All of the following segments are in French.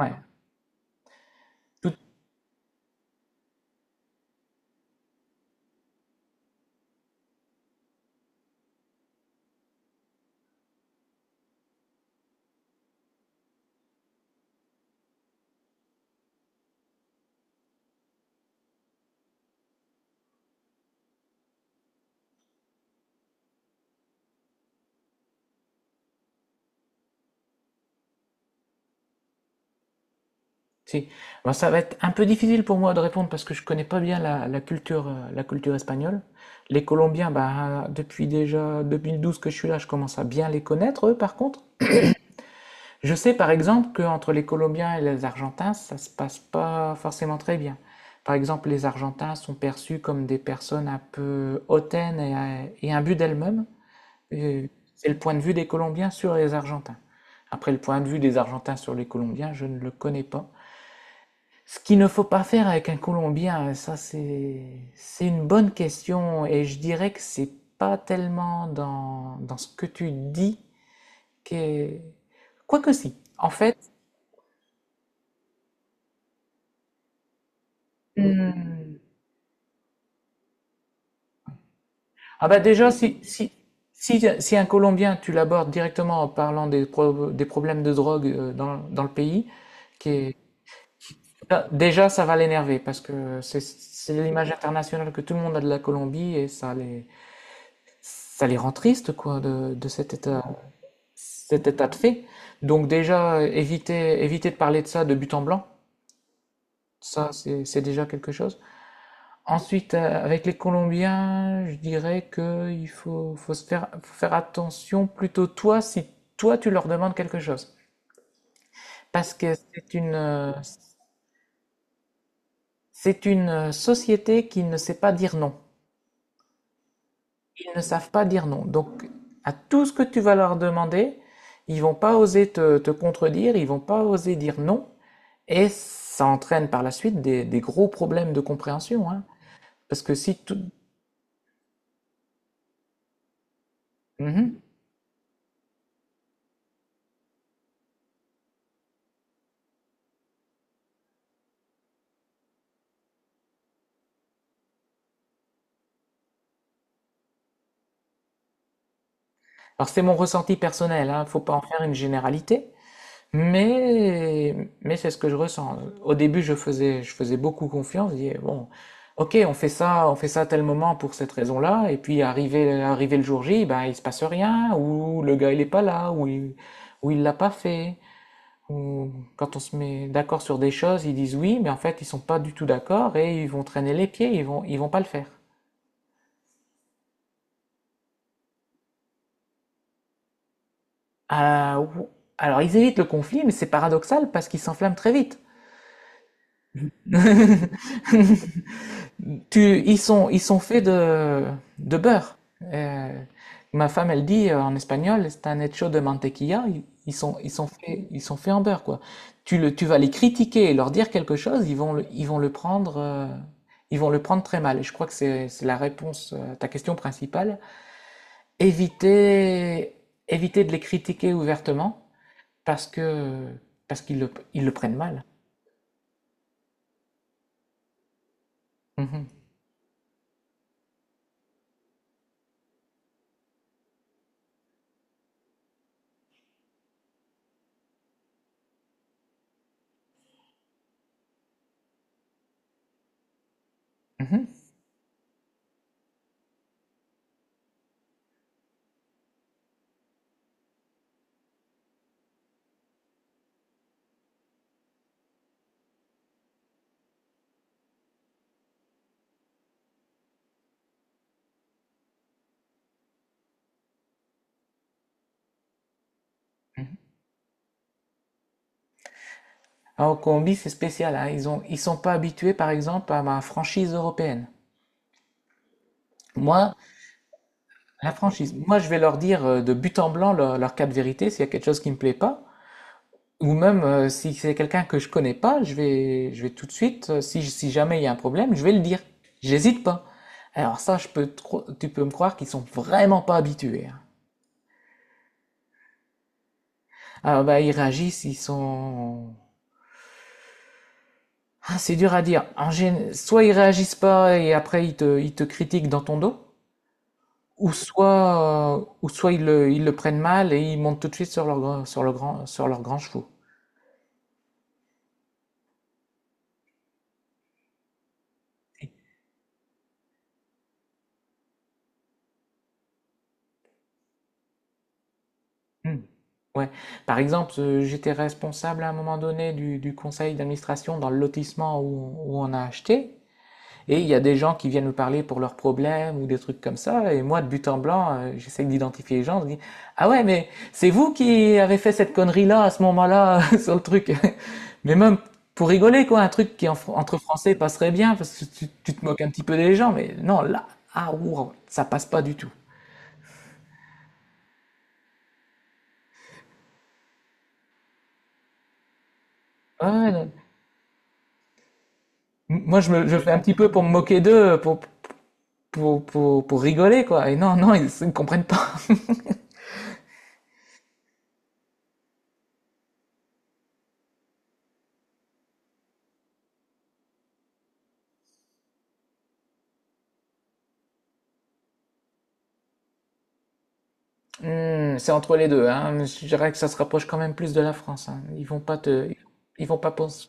Ouais, si. Alors, ça va être un peu difficile pour moi de répondre parce que je connais pas bien la culture, la culture espagnole. Les Colombiens, bah, depuis déjà 2012 que je suis là, je commence à bien les connaître, eux, par contre. Je sais par exemple qu'entre les Colombiens et les Argentins, ça se passe pas forcément très bien. Par exemple, les Argentins sont perçus comme des personnes un peu hautaines et imbues d'elles-mêmes. Et C'est le point de vue des Colombiens sur les Argentins. Après, le point de vue des Argentins sur les Colombiens, je ne le connais pas. Ce qu'il ne faut pas faire avec un Colombien, ça c'est une bonne question et je dirais que c'est pas tellement dans, dans ce que tu dis que quoique si. En fait, Hmm. Ah bah déjà si un Colombien tu l'abordes directement en parlant des des problèmes de drogue dans le pays, qui est- là, déjà ça va l'énerver parce que c'est l'image internationale que tout le monde a de la Colombie et ça les rend tristes quoi de cet état de fait. Donc déjà, éviter de parler de ça de but en blanc, ça c'est déjà quelque chose. Ensuite, avec les Colombiens, je dirais que il faut faire attention plutôt toi si toi tu leur demandes quelque chose. Parce que c'est une société qui ne sait pas dire non. Ils ne savent pas dire non. Donc à tout ce que tu vas leur demander, ils vont pas oser te contredire, ils vont pas oser dire non. Et ça entraîne par la suite des gros problèmes de compréhension, hein. Parce que si tout... Mhm. Alors c'est mon ressenti personnel, hein, faut pas en faire une généralité, mais, mais c'est ce que je ressens. Au début, je faisais beaucoup confiance, je disais, bon, ok, on fait ça à tel moment pour cette raison-là, et puis arrivé le jour J, ben, il se passe rien, ou le gars il est pas là, ou il l'a pas fait. on- Quand on se met d'accord sur des choses, ils disent oui, mais en fait, ils sont pas du tout d'accord et ils vont traîner les pieds, ils vont pas le faire. Ah, ou- alors, ils évitent le conflit, mais c'est paradoxal parce qu'ils s'enflamment très vite. Ils sont faits de beurre. Euh, Ma femme, elle dit en espagnol, c'est un hecho de mantequilla. Ils sont faits en beurre, quoi. Tu vas les critiquer et leur dire quelque chose, ils vont le prendre très mal. Et je crois que c'est la réponse à ta question principale. Éviter, Éviter de les critiquer ouvertement parce que, parce qu'ils le prennent mal. Mhm. Mhm. Mhm. Ah, en Colombie, c'est spécial, hein. Ils sont pas habitués, par exemple, à ma franchise européenne. Moi, Moi, je vais leur dire de but en blanc leur cas de vérité s'il y a quelque chose qui me plaît pas. Ou même si c'est quelqu'un que je connais pas, je vais tout de suite, si, si jamais il y a un problème, je vais le dire. J'hésite pas. Alors ça, je peux, te cro- tu peux me croire qu'ils sont vraiment pas habitués. Hein. Alors bah, ils réagissent, ils sont, ah, c'est dur à dire. Soit ils réagissent pas et après ils te critiquent dans ton dos. Ou soit ils le prennent mal et ils montent tout de suite sur sur leur grand chevaux. Hmm. Ouais. Par exemple, j'étais responsable à un moment donné du conseil d'administration dans le lotissement où on a acheté. Et il y a des gens qui viennent nous parler pour leurs problèmes ou des trucs comme ça. Et moi, de but en blanc, j'essaie d'identifier les gens. Je dis, ah ouais, mais c'est vous qui avez fait cette connerie-là à ce moment-là sur le truc. Mais même pour rigoler, quoi, un truc qui en entre français passerait bien parce que tu te moques un petit peu des gens. Mais non, là, ah, ouh, ça passe pas du tout. Ouais, ouais, non. Moi, je fais un petit peu pour me moquer d'eux, pour rigoler, quoi. Et non, non, ils ne comprennent pas. Hmm, c'est entre les deux, hein. Je dirais que ça se rapproche quand même plus de la France, hein. Ils vont pas penser,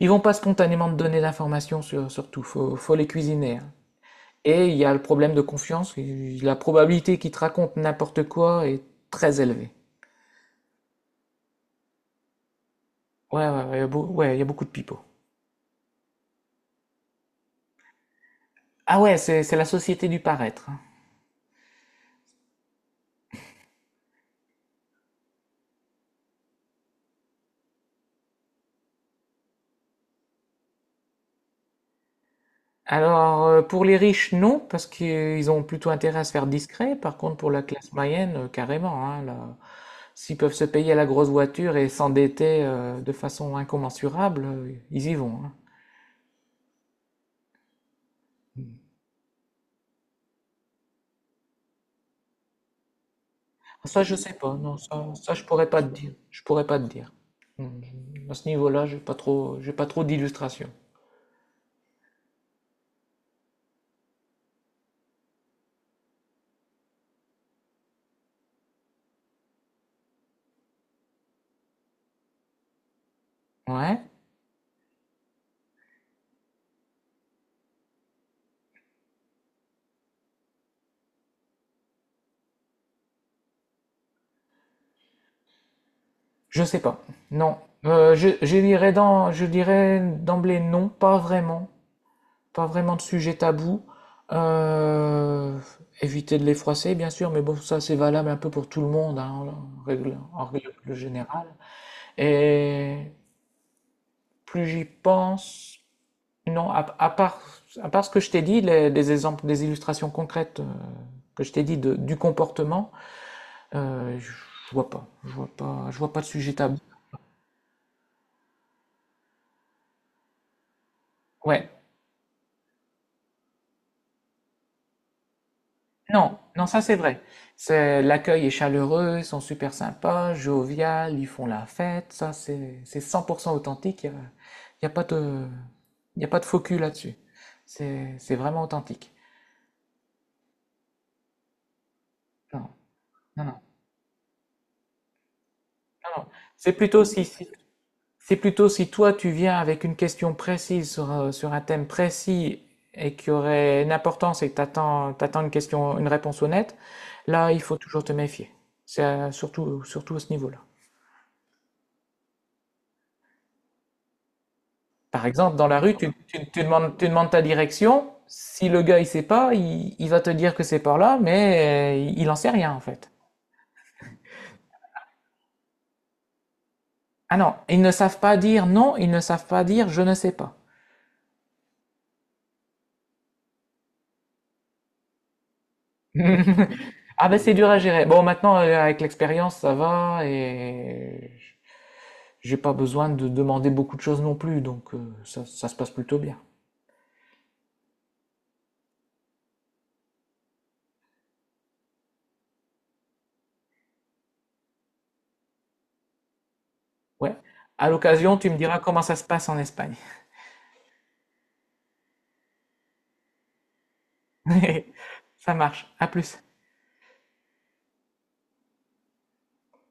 ils vont pas spontanément te donner l'information sur, sur tout. Faut les cuisiner, hein. Et il y a le problème de confiance. La probabilité qu'ils te racontent n'importe quoi est très élevée. Ouais, ouais, ouais, il y a beau- ouais, il y a beaucoup de pipeaux. Ah ouais, c'est la société du paraître. Hein. Alors, pour les riches, non, parce qu'ils ont plutôt intérêt à se faire discret. Par contre, pour la classe moyenne, carrément, hein, là. S'ils peuvent se payer la grosse voiture et s'endetter de façon incommensurable, ils y vont. Hein. Ça, je sais pas. Non, je pourrais pas te dire. Je pourrais pas te dire. Hum, À ce niveau-là, j'ai pas trop d'illustrations. Ouais, je sais pas. Non, je dirais je dirais d'emblée non, pas vraiment de sujet tabou. Euh, Éviter de les froisser, bien sûr, mais bon, ça c'est valable un peu pour tout le monde, hein, en règle générale. Et plus j'y pense, non, à part ce que je t'ai dit, des exemples, des illustrations concrètes que je t'ai dit du comportement, euh, je je vois pas, je vois pas de sujet tabou. Ouais, non, non, ça c'est vrai. C'est L'accueil est chaleureux, ils sont super sympas, jovial, ils font la fête, ça c'est 100% authentique. Y a pas de, y a pas de faux cul là-dessus. C'est vraiment authentique. Non, non, non, non, non. C'est plutôt si C'est plutôt si toi tu viens avec une question précise sur, sur un thème précis et qui aurait une importance et que t'attends une réponse honnête, là il faut toujours te méfier. C'est surtout à ce niveau-là. Par exemple, dans la rue, tu demandes ta direction. Si le gars il sait pas, il va te dire que c'est par là, mais il en sait rien en fait. Ah non, ils ne savent pas dire non, ils ne savent pas dire je ne sais pas. Ah ben c'est dur à gérer. Bon, maintenant avec l'expérience, ça va et j'ai pas besoin de demander beaucoup de choses non plus, donc ça se passe plutôt bien. Ouais. À l'occasion, tu me diras comment ça se passe en Espagne. Ça marche. À plus.